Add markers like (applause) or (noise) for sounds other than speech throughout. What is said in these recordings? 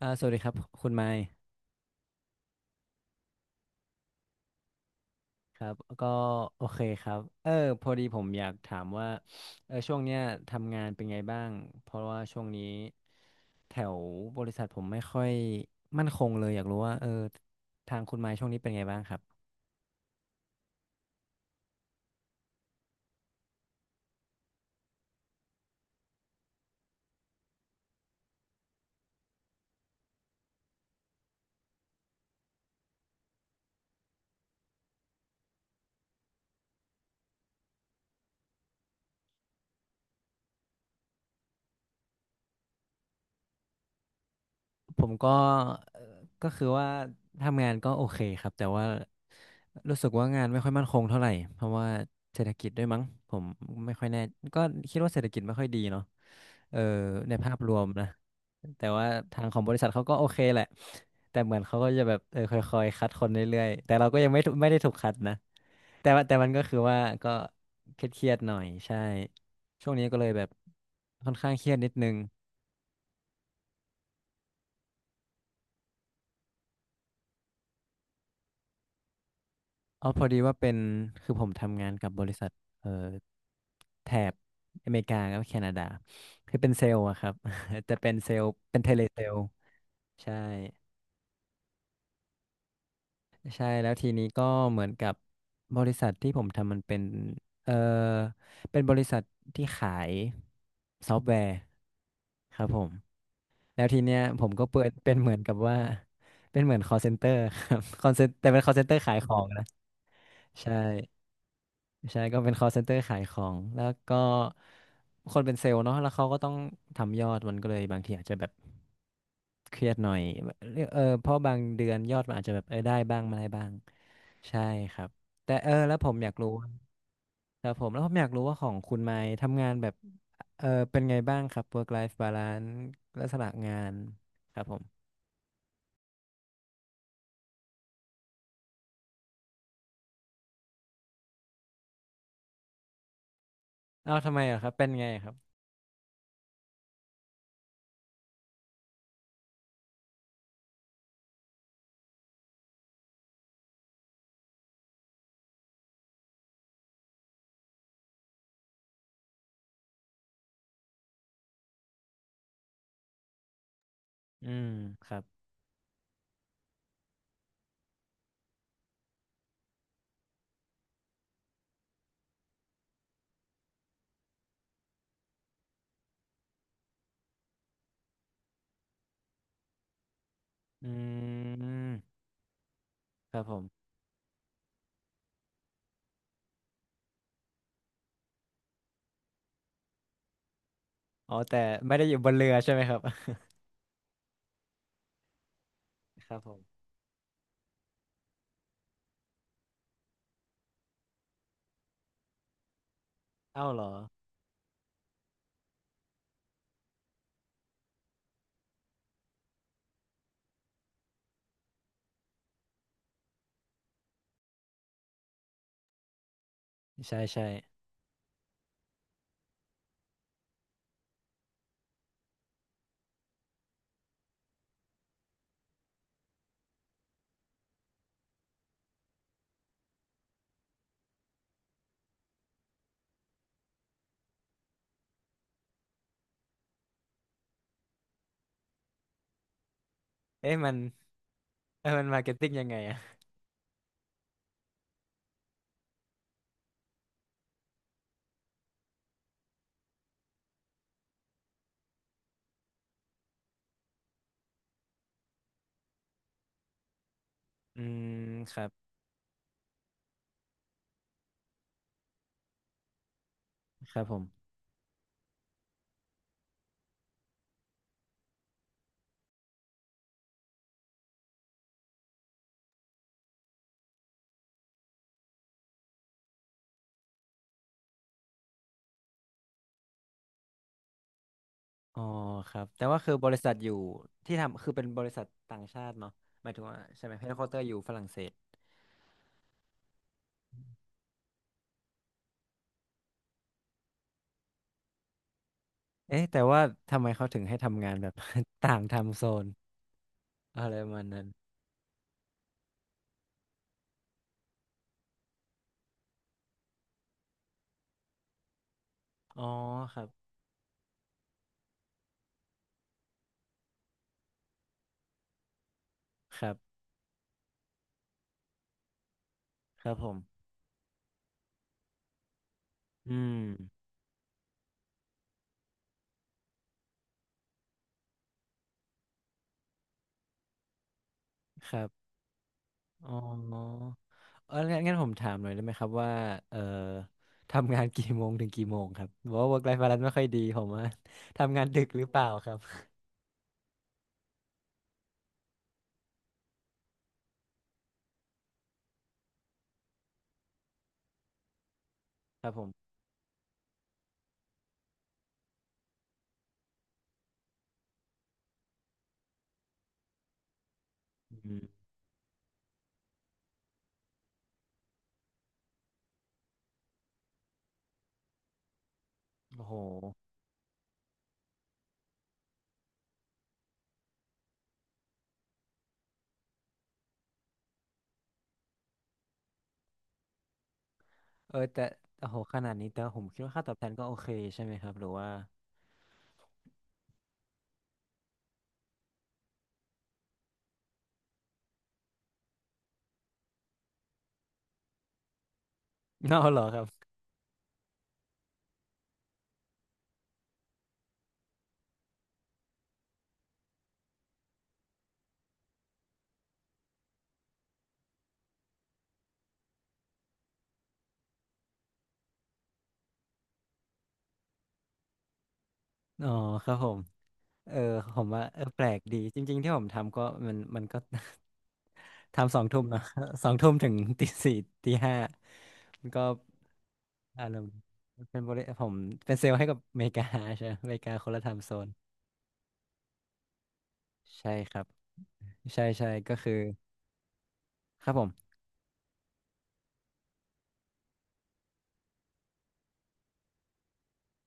สวัสดีครับคุณไมค์ครับก็โอเคครับพอดีผมอยากถามว่าช่วงเนี้ยทำงานเป็นไงบ้างเพราะว่าช่วงนี้แถวบริษัทผมไม่ค่อยมั่นคงเลยอยากรู้ว่าทางคุณไมค์ช่วงนี้เป็นไงบ้างครับ ผมก็ก็คือว่าทำงานก็โอเคครับแต่ว่ารู้สึกว่างานไม่ค่อยมั่นคงเท่าไหร่เพราะว่าเศรษฐกิจด้วยมั้งผมไม่ค่อยแน่ก็คิดว่าเศรษฐกิจไม่ค่อยดีเนาะเออในภาพรวมนะแต่ว่าทางของบริษัทเขาก็โอเคแหละแต่เหมือนเขาก็จะแบบค่อยๆคัดคนเรื่อยๆแต่เราก็ยังไม่ได้ถูกคัดนะแต่ว่าแต่มันก็คือว่าก็เครียดๆหน่อยใช่ช่วงนี้ก็เลยแบบค่อนข้างเครียดนิดนึง อ๋อพอดีว่าเป็นคือผมทำงานกับบริษัทเอ่อแถบอเมริกากับแคนาดาคือเป็นเซลล์อะครับ (laughs) จะเป็นเซลล์เป็นเทเลเซลล์ใช่ใช่แล้วทีนี้ก็เหมือนกับบริษัทที่ผมทำมันเป็นเอ่อเป็นบริษัทที่ขายซอฟต์แวร์ครับผมแล้วทีเนี้ยผมก็เปิด (laughs) เป็นเหมือนกับว่าเป็นเหมือน call center ครับ (laughs) call center แต่เป็น call center ขายของนะใช่ ใช่ก็เป็น call center ขายของแล้วก็คนเป็นเซลล์เนาะแล้วเขาก็ต้องทำยอดมันก็เลยบางทีอาจจะแบบเครียดหน่อยแบบเพราะบางเดือนยอดมันอาจจะแบบได้บ้างไม่ได้บ้างใช่ครับแต่แล้วผมอยากรู้ครับผมแล้วผมอยากรู้ว่าของคุณไมค์ทำงานแบบเป็นไงบ้างครับ work life balance ลักษณะงานครับผมเอ้าทำไมเหรอครับเป็นไงครับอืมครับอืมครับผมอ๋อแต่ไม่ได้อยู่บนเรือใช่ไหมครับ (laughs) ครับผม เอ้าเหรอใช่ใช่เอ๊ะมันเอ้ยมันมาร์เก็ตติ้งยังไงอะอืมครับครับผมอ๋อครับแต่ว่าคือบริษัทอยู่ที่ทำคือเป็นบริษัทต่างชาติเนาะหมายถึงว่าใช่ไหมเฮดค q u เตอร์อยู่ฝรั่งเศสเอ๊ะแต่ว่าทำไมเขาถึงให้ทำงานแบบ (laughs) ต่างไทำโซนอะไรประมาณนั้นอ๋อครับครับครับผมอืมครับอ๋อ เอองั้นงั้นผมถามหน่อยได้ไหมครับว่าเอ่อ (laughs) ทำงานกี่โมงถึงกี่โมงครับบอกว่า work life balance ไม่ค่อยดีผมว่า (laughs) ทำงานดึกหรือเปล่าครับ (laughs) ครับผมอืมโอ้โหแต่โอ้โหขนาดนี้แต่ผมคิดว่าค่าตอบแทนก็โอเคใช่ไหมครับหรือว่า (laughs) น่าเหรอครับ อ๋อครับผมเออผมว่าแปลกดีจริงๆที่ผมทำก็มันมันก็ (laughs) ทำสองทุ่มเนาะ (laughs) สองทุ่มถึงตีสี่ตีห้ามันก็อารมณ์เป็นบริผมเป็นเซลล์ให้กับอเมริกาใช่ไหมอเมริกาคนละไทำโซนใช่ครับใช่ใช่ก็คือครับผม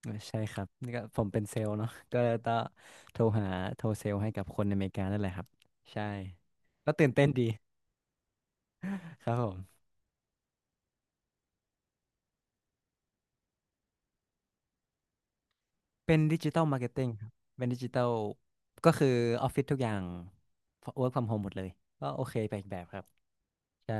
ใช่ครับนี่ก็ผมเป็นเซลล์เนาะก็ต้องโทรหาโทรเซลล์ให้กับคนในอเมริกานั่นแหละครับใช่ก็ตื่นเต้นดี (laughs) ครับผม เป็นดิจิตอลมาร์เก็ตติ้งครับเป็นดิจิตอลก็คือออฟฟิศทุกอย่าง work from home หมดเลยก็โอเคไปอีกแบบครับใช่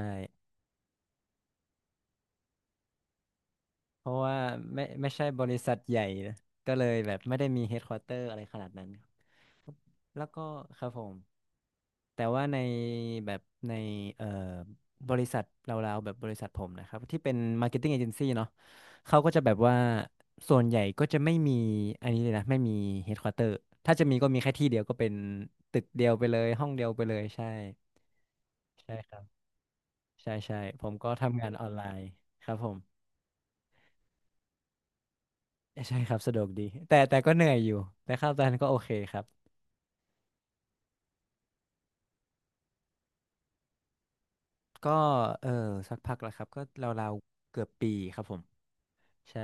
เพราะว่าไม่ใช่บริษัทใหญ่นะก็เลยแบบไม่ได้มีเฮดควอเตอร์อะไรขนาดนั้นครับแล้วก็ครับผม แต่ว่าในแบบในเอ่อบริษัทเราๆแบบบริษัทผมนะครับที่เป็น Marketing Agency เนาะเขาก็จะแบบว่าส่วนใหญ่ก็จะไม่มีอันนี้เลยนะไม่มี Headquarter ถ้าจะมีก็มีแค่ที่เดียวก็เป็นตึกเดียวไปเลยห้องเดียวไปเลยใช่ใช่ครับใช่ใช่ผมก็ทำงานออนไลน์ครับผมใช่ครับสะดวกดีแต่แต่ก็เหนื่อยอยู่แต่ค่าตอนนั้นก็โอเคครับก็เออสักพักแล้วครับก็ราวๆเกือบปีครับผมใช่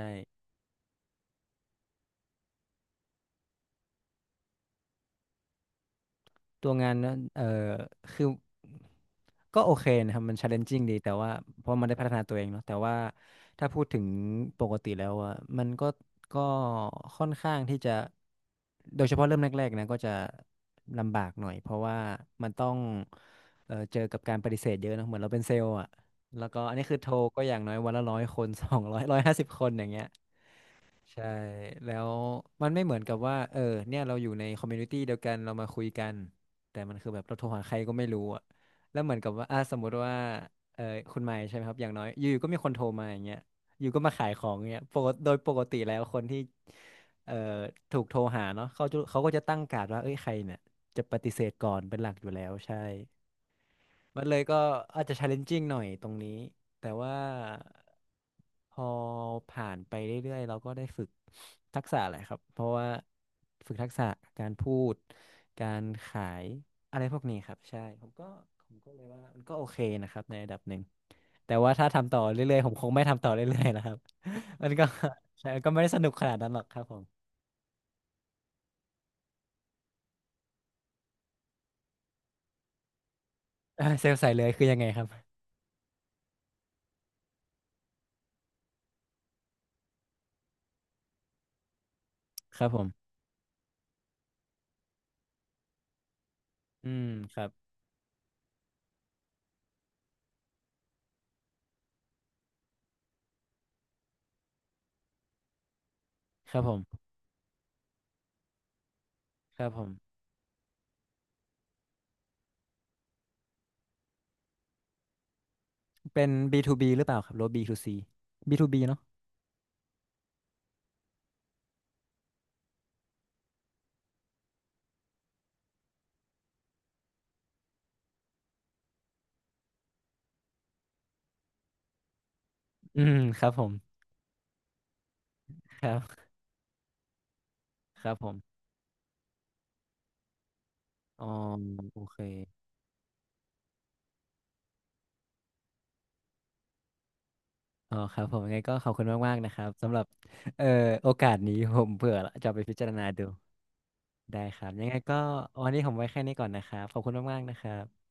ตัวงานนั้นคือก็โอเคนะครับมัน challenging ดีแต่ว่าเพราะมันได้พัฒนาตัวเองเนาะแต่ว่าถ้าพูดถึงปกติแล้วอ่ะมันก็ก็ค่อนข้างที่จะโดยเฉพาะเริ่มแรกๆนะก็จะลำบากหน่อยเพราะว่ามันต้องเจอกับการปฏิเสธเยอะนะเหมือนเราเป็นเซลล์อ่ะแล้วก็อันนี้คือโทรก็อย่างน้อยวันละร้อยคน (laughs) สองร้อยร้อยห้าสิบคนอย่างเงี้ย ใช่แล้วมันไม่เหมือนกับว่าเนี่ยเราอยู่ในคอมมูนิตี้เดียวกันเรามาคุยกันแต่มันคือแบบเราโทรหาใครก็ไม่รู้อ่ะแล้วเหมือนกับว่าอ่ะสมมติว่าเออคุณไมค์ใช่ไหมครับอย่างน้อยอยู่ๆก็มีคนโทรมาอย่างเงี้ยอยู่ก็มาขายของเงี้ยปกติโดยปกติแล้วคนที่เอ่อถูกโทรหาเนาะเขาจะเขาก็จะตั้งการ์ดว่าเอ้ยใครเนี่ยจะปฏิเสธก่อนเป็นหลักอยู่แล้วใช่ มันเลยก็อาจจะ challenging หน่อยตรงนี้แต่ว่าพอผ่านไปเรื่อยๆเราก็ได้ฝึกทักษะแหละครับเพราะว่าฝึกทักษะการพูดการขายอะไรพวกนี้ครับใช่ผมก็ผมก็เลยว่ามันก็โอเคนะครับในระดับหนึ่งแต่ว่าถ้าทำต่อเรื่อยๆผมคงไม่ทำต่อเรื่อยๆแล้วครับ (laughs) มันก็ใช่มันก็ไม่ได้สนุกขนาดนั้นหรอกครับผม (laughs) เซลล์ใส่เลยคือยังไงครับครับผมอืมครับครับผมครับผม เป็น B2B หรือเปล่าครับหรือว่า B2C B2B เนาะอืมครับผมครับครับผมอ๋อโอเคอ๋อครับผมยังไงก็ขอบคุณมากๆนะครับสำหรับเอ่อโอกาสนี้ผมเผื่อจะเอาไปพิจารณาดู ได้ครับยังไงก็วันนี้ผมไว้แค่นี้ก่อนนะครับขอบคุณมากๆนะครับ